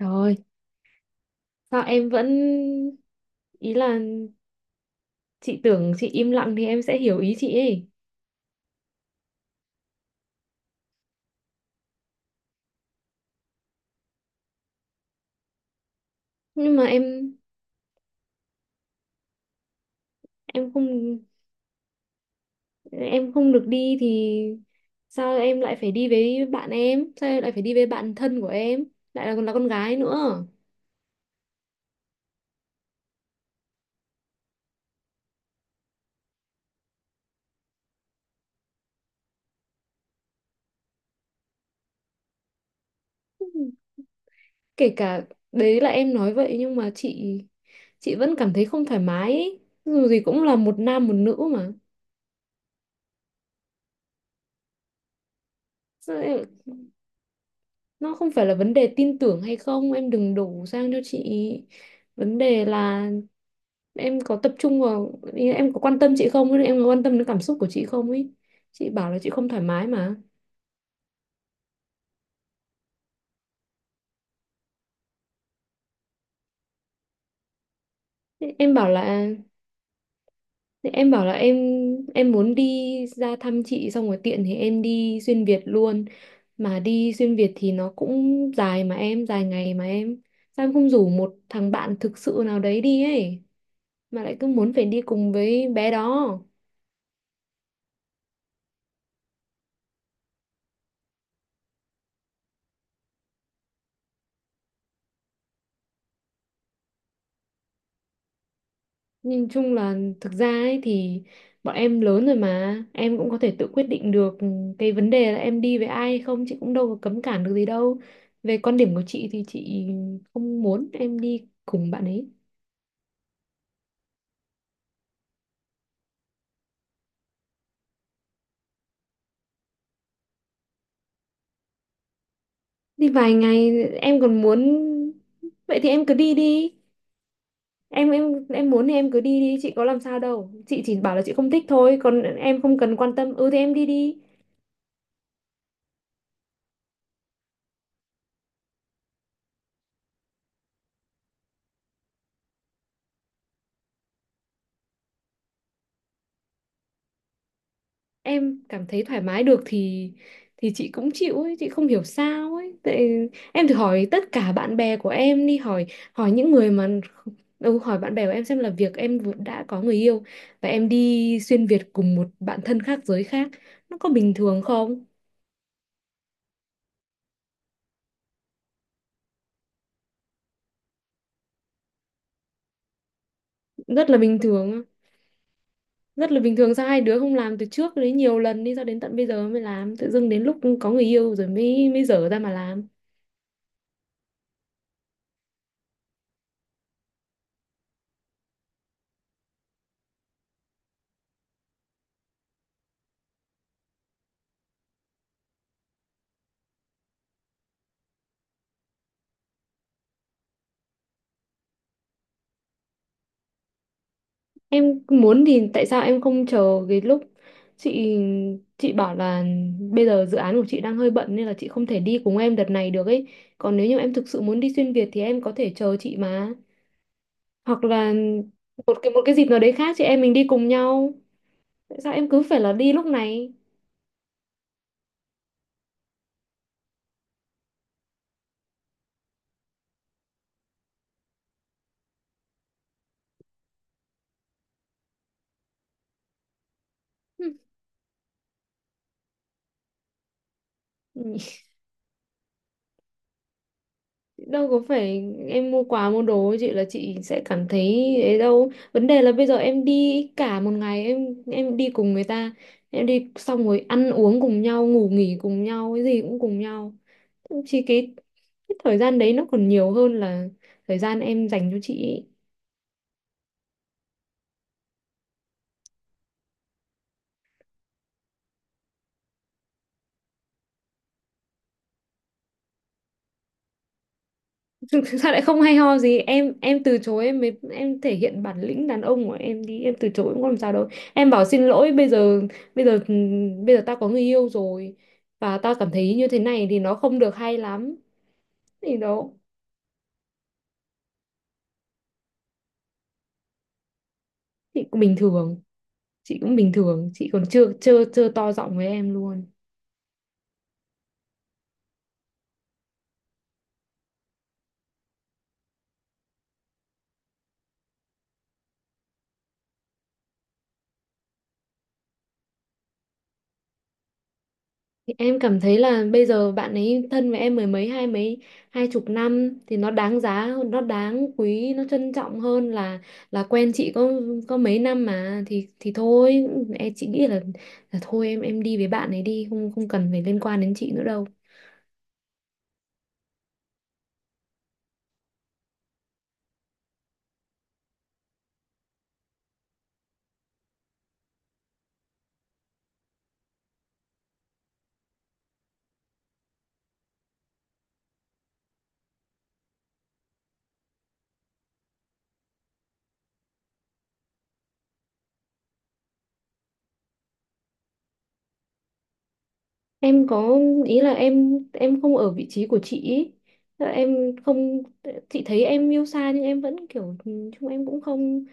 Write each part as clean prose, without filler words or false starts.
Rồi, sao em vẫn, ý là, chị tưởng chị im lặng thì em sẽ hiểu ý chị ấy. Nhưng mà em không em không được đi thì sao em lại phải đi với bạn em? Sao em lại phải đi với bạn thân của em? Lại là còn là con gái nữa. Kể cả đấy là em nói vậy nhưng mà chị vẫn cảm thấy không thoải mái ấy. Dù gì cũng là một nam một nữ mà. Sao em- Nó không phải là vấn đề tin tưởng hay không, em đừng đổ sang cho chị. Vấn đề là em có tập trung vào, ý là, em có quan tâm chị không, em có quan tâm đến cảm xúc của chị không ấy. Chị bảo là chị không thoải mái mà. Thế em bảo là thế em bảo là em muốn đi ra thăm chị xong rồi tiện thì em đi xuyên Việt luôn. Mà đi xuyên Việt thì nó cũng dài, mà em dài ngày mà em, sao em không rủ một thằng bạn thực sự nào đấy đi ấy, mà lại cứ muốn phải đi cùng với bé đó. Nhìn chung là, thực ra ấy thì bọn em lớn rồi mà em cũng có thể tự quyết định được. Cái vấn đề là em đi với ai hay không chị cũng đâu có cấm cản được gì đâu. Về quan điểm của chị thì chị không muốn em đi cùng bạn ấy. Đi vài ngày em còn muốn. Vậy thì em cứ đi đi. Em muốn thì em cứ đi đi. Chị có làm sao đâu, chị chỉ bảo là chị không thích thôi, còn em không cần quan tâm, ừ thì em đi đi. Em cảm thấy thoải mái được thì chị cũng chịu ấy, chị không hiểu sao ấy. Tại em thử hỏi tất cả bạn bè của em đi, hỏi hỏi những người mà, ừ, hỏi bạn bè của em xem là việc em đã có người yêu và em đi xuyên Việt cùng một bạn thân khác giới khác nó có bình thường không. Rất là bình thường. Rất là bình thường sao hai đứa không làm từ trước đấy nhiều lần đi, sao đến tận bây giờ mới làm, tự dưng đến lúc có người yêu rồi mới mới dở ra mà làm. Em muốn thì tại sao em không chờ cái lúc chị chị bảo là bây giờ dự án của chị đang hơi bận nên là chị không thể đi cùng em đợt này được ấy. Còn nếu như em thực sự muốn đi xuyên Việt thì em có thể chờ chị mà. Hoặc là một cái dịp nào đấy khác chị em mình đi cùng nhau. Tại sao em cứ phải là đi lúc này? Hừ. Đâu có phải em mua quà mua đồ chị là chị sẽ cảm thấy ấy đâu. Vấn đề là bây giờ em đi cả một ngày, em đi cùng người ta, em đi xong rồi ăn uống cùng nhau, ngủ nghỉ cùng nhau, cái gì cũng cùng nhau. Chỉ cái thời gian đấy nó còn nhiều hơn là thời gian em dành cho chị ý. Thực thực ra lại không hay ho gì, em từ chối, em mới thể hiện bản lĩnh đàn ông của em đi, em từ chối cũng không làm sao đâu. Em bảo xin lỗi bây giờ, bây giờ bây giờ tao có người yêu rồi và tao cảm thấy như thế này thì nó không được hay lắm. Thì đó, chị cũng bình thường, chị cũng bình thường, chị còn chưa chưa chưa to giọng với em luôn. Thì em cảm thấy là bây giờ bạn ấy thân với em mười mấy, hai mấy, hai chục năm thì nó đáng giá hơn, nó đáng quý, nó trân trọng hơn là quen chị có mấy năm mà, thì thôi em, chị nghĩ là thôi em đi với bạn ấy đi, không không cần phải liên quan đến chị nữa đâu. Em có ý là em không ở vị trí của chị ý. Tức là em không. Chị thấy em yêu xa nhưng em vẫn kiểu ừ, chung em cũng không,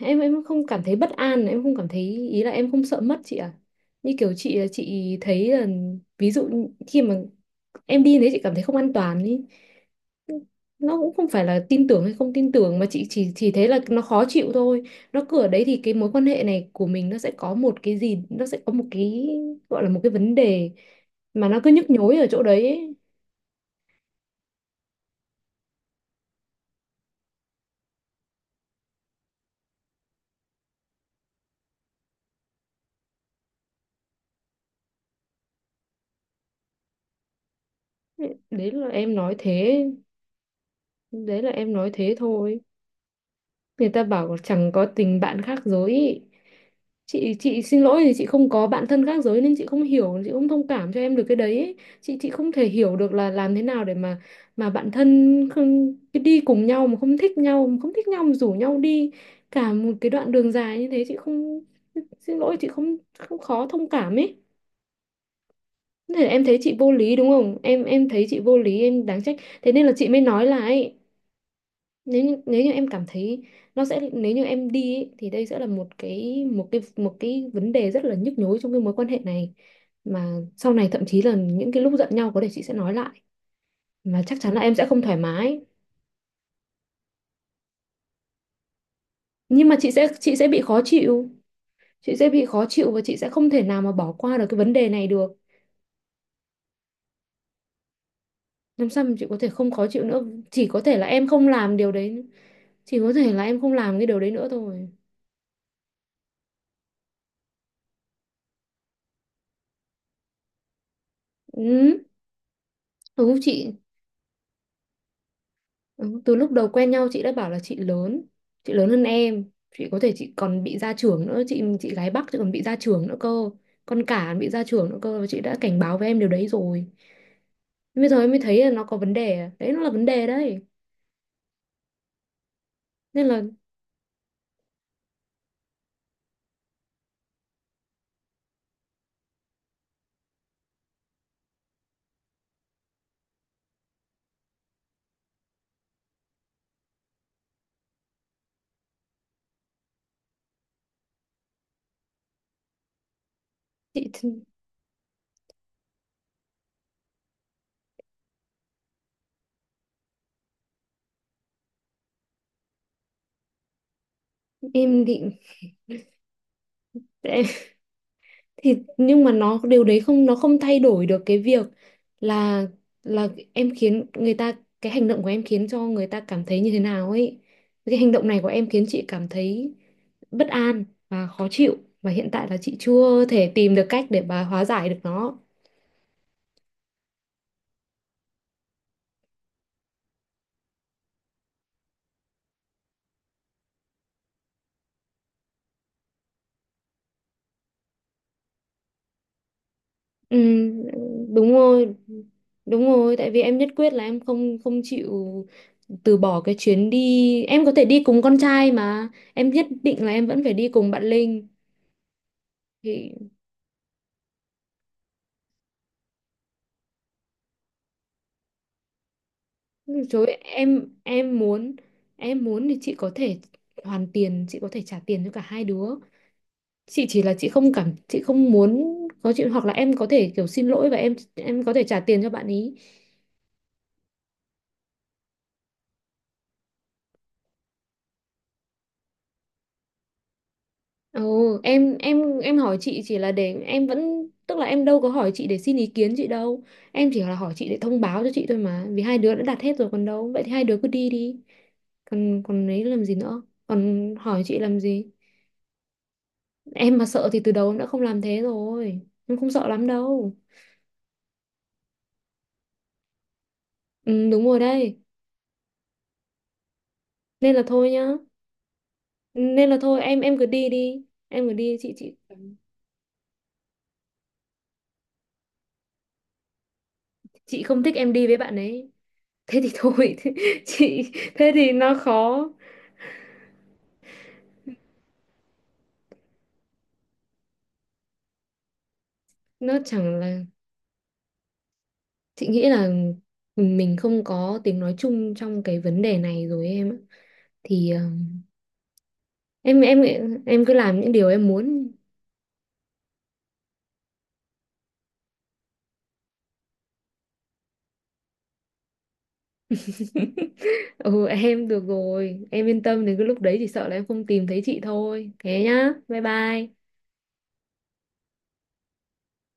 em không cảm thấy bất an, em không cảm thấy, ý là em không sợ mất chị à. Như kiểu chị thấy là ví dụ như khi mà em đi đấy chị cảm thấy không an toàn ý. Nó cũng không phải là tin tưởng hay không tin tưởng mà chị chỉ thấy là nó khó chịu thôi. Nó cứ ở đấy thì cái mối quan hệ này của mình nó sẽ có một cái gì, nó sẽ có một cái, gọi là một cái vấn đề, mà nó cứ nhức nhối ở chỗ đấy. Ấy. Đấy là em nói thế, đấy là em nói thế thôi. Người ta bảo chẳng có tình bạn khác giới ý. Chị xin lỗi thì chị không có bạn thân khác giới nên chị không hiểu, chị không thông cảm cho em được cái đấy ấy. Chị không thể hiểu được là làm thế nào để mà bạn thân không cái đi cùng nhau, mà không thích nhau, mà không thích nhau mà rủ nhau đi cả một cái đoạn đường dài như thế. Chị không, xin lỗi, chị không không khó thông cảm ấy. Thế là em thấy chị vô lý đúng không, em thấy chị vô lý, em đáng trách. Thế nên là chị mới nói là ấy, nếu như em cảm thấy, nó sẽ, nếu như em đi ấy, thì đây sẽ là một cái vấn đề rất là nhức nhối trong cái mối quan hệ này, mà sau này thậm chí là những cái lúc giận nhau có thể chị sẽ nói lại, mà chắc chắn là em sẽ không thoải mái. Nhưng mà chị sẽ bị khó chịu, chị sẽ bị khó chịu và chị sẽ không thể nào mà bỏ qua được cái vấn đề này được. Làm sao mà chị có thể không khó chịu nữa? Chỉ có thể là em không làm điều đấy, chỉ có thể là em không làm cái điều đấy nữa thôi. Ừ. Ừ, chị. Ừ, từ lúc đầu quen nhau chị đã bảo là chị lớn hơn em, chị có thể, chị còn bị ra trưởng nữa, chị gái Bắc, chị còn bị ra trưởng nữa cơ, con cả bị ra trưởng nữa cơ, và chị đã cảnh báo với em điều đấy rồi. Bây giờ em mới thấy là nó có vấn đề đấy, nó là vấn đề đấy. Nên là chị em thì. Thì nhưng mà nó, điều đấy không, nó không thay đổi được cái việc là em khiến người ta, cái hành động của em khiến cho người ta cảm thấy như thế nào ấy, cái hành động này của em khiến chị cảm thấy bất an và khó chịu, và hiện tại là chị chưa thể tìm được cách để bà hóa giải được nó. Ừ, đúng rồi, đúng rồi, tại vì em nhất quyết là em không không chịu từ bỏ cái chuyến đi, em có thể đi cùng con trai mà, em nhất định là em vẫn phải đi cùng bạn Linh. Thì Chối, em muốn, em muốn thì chị có thể hoàn tiền, chị có thể trả tiền cho cả hai đứa, chị chỉ là chị không cảm, chị không muốn có chuyện, hoặc là em có thể kiểu xin lỗi và em có thể trả tiền cho bạn ý. Ồ, em hỏi chị chỉ là để em vẫn, tức là em đâu có hỏi chị để xin ý kiến chị đâu, em chỉ là hỏi chị để thông báo cho chị thôi mà, vì hai đứa đã đặt hết rồi còn đâu, vậy thì hai đứa cứ đi đi, còn còn ấy làm gì nữa, còn hỏi chị làm gì. Em mà sợ thì từ đầu em đã không làm thế rồi. Em không sợ lắm đâu. Ừ, đúng rồi đây. Nên là thôi nhá. Nên là thôi, em cứ đi đi. Em cứ đi chị, chị không thích em đi với bạn ấy. Thế thì thôi. Thế, chị thế thì nó khó. Nó chẳng là, chị nghĩ là mình không có tiếng nói chung trong cái vấn đề này rồi em ạ. Thì em em em cứ làm những điều em muốn. Ừ em được rồi, em yên tâm, đến cái lúc đấy chỉ sợ là em không tìm thấy chị thôi, thế nhá, bye bye.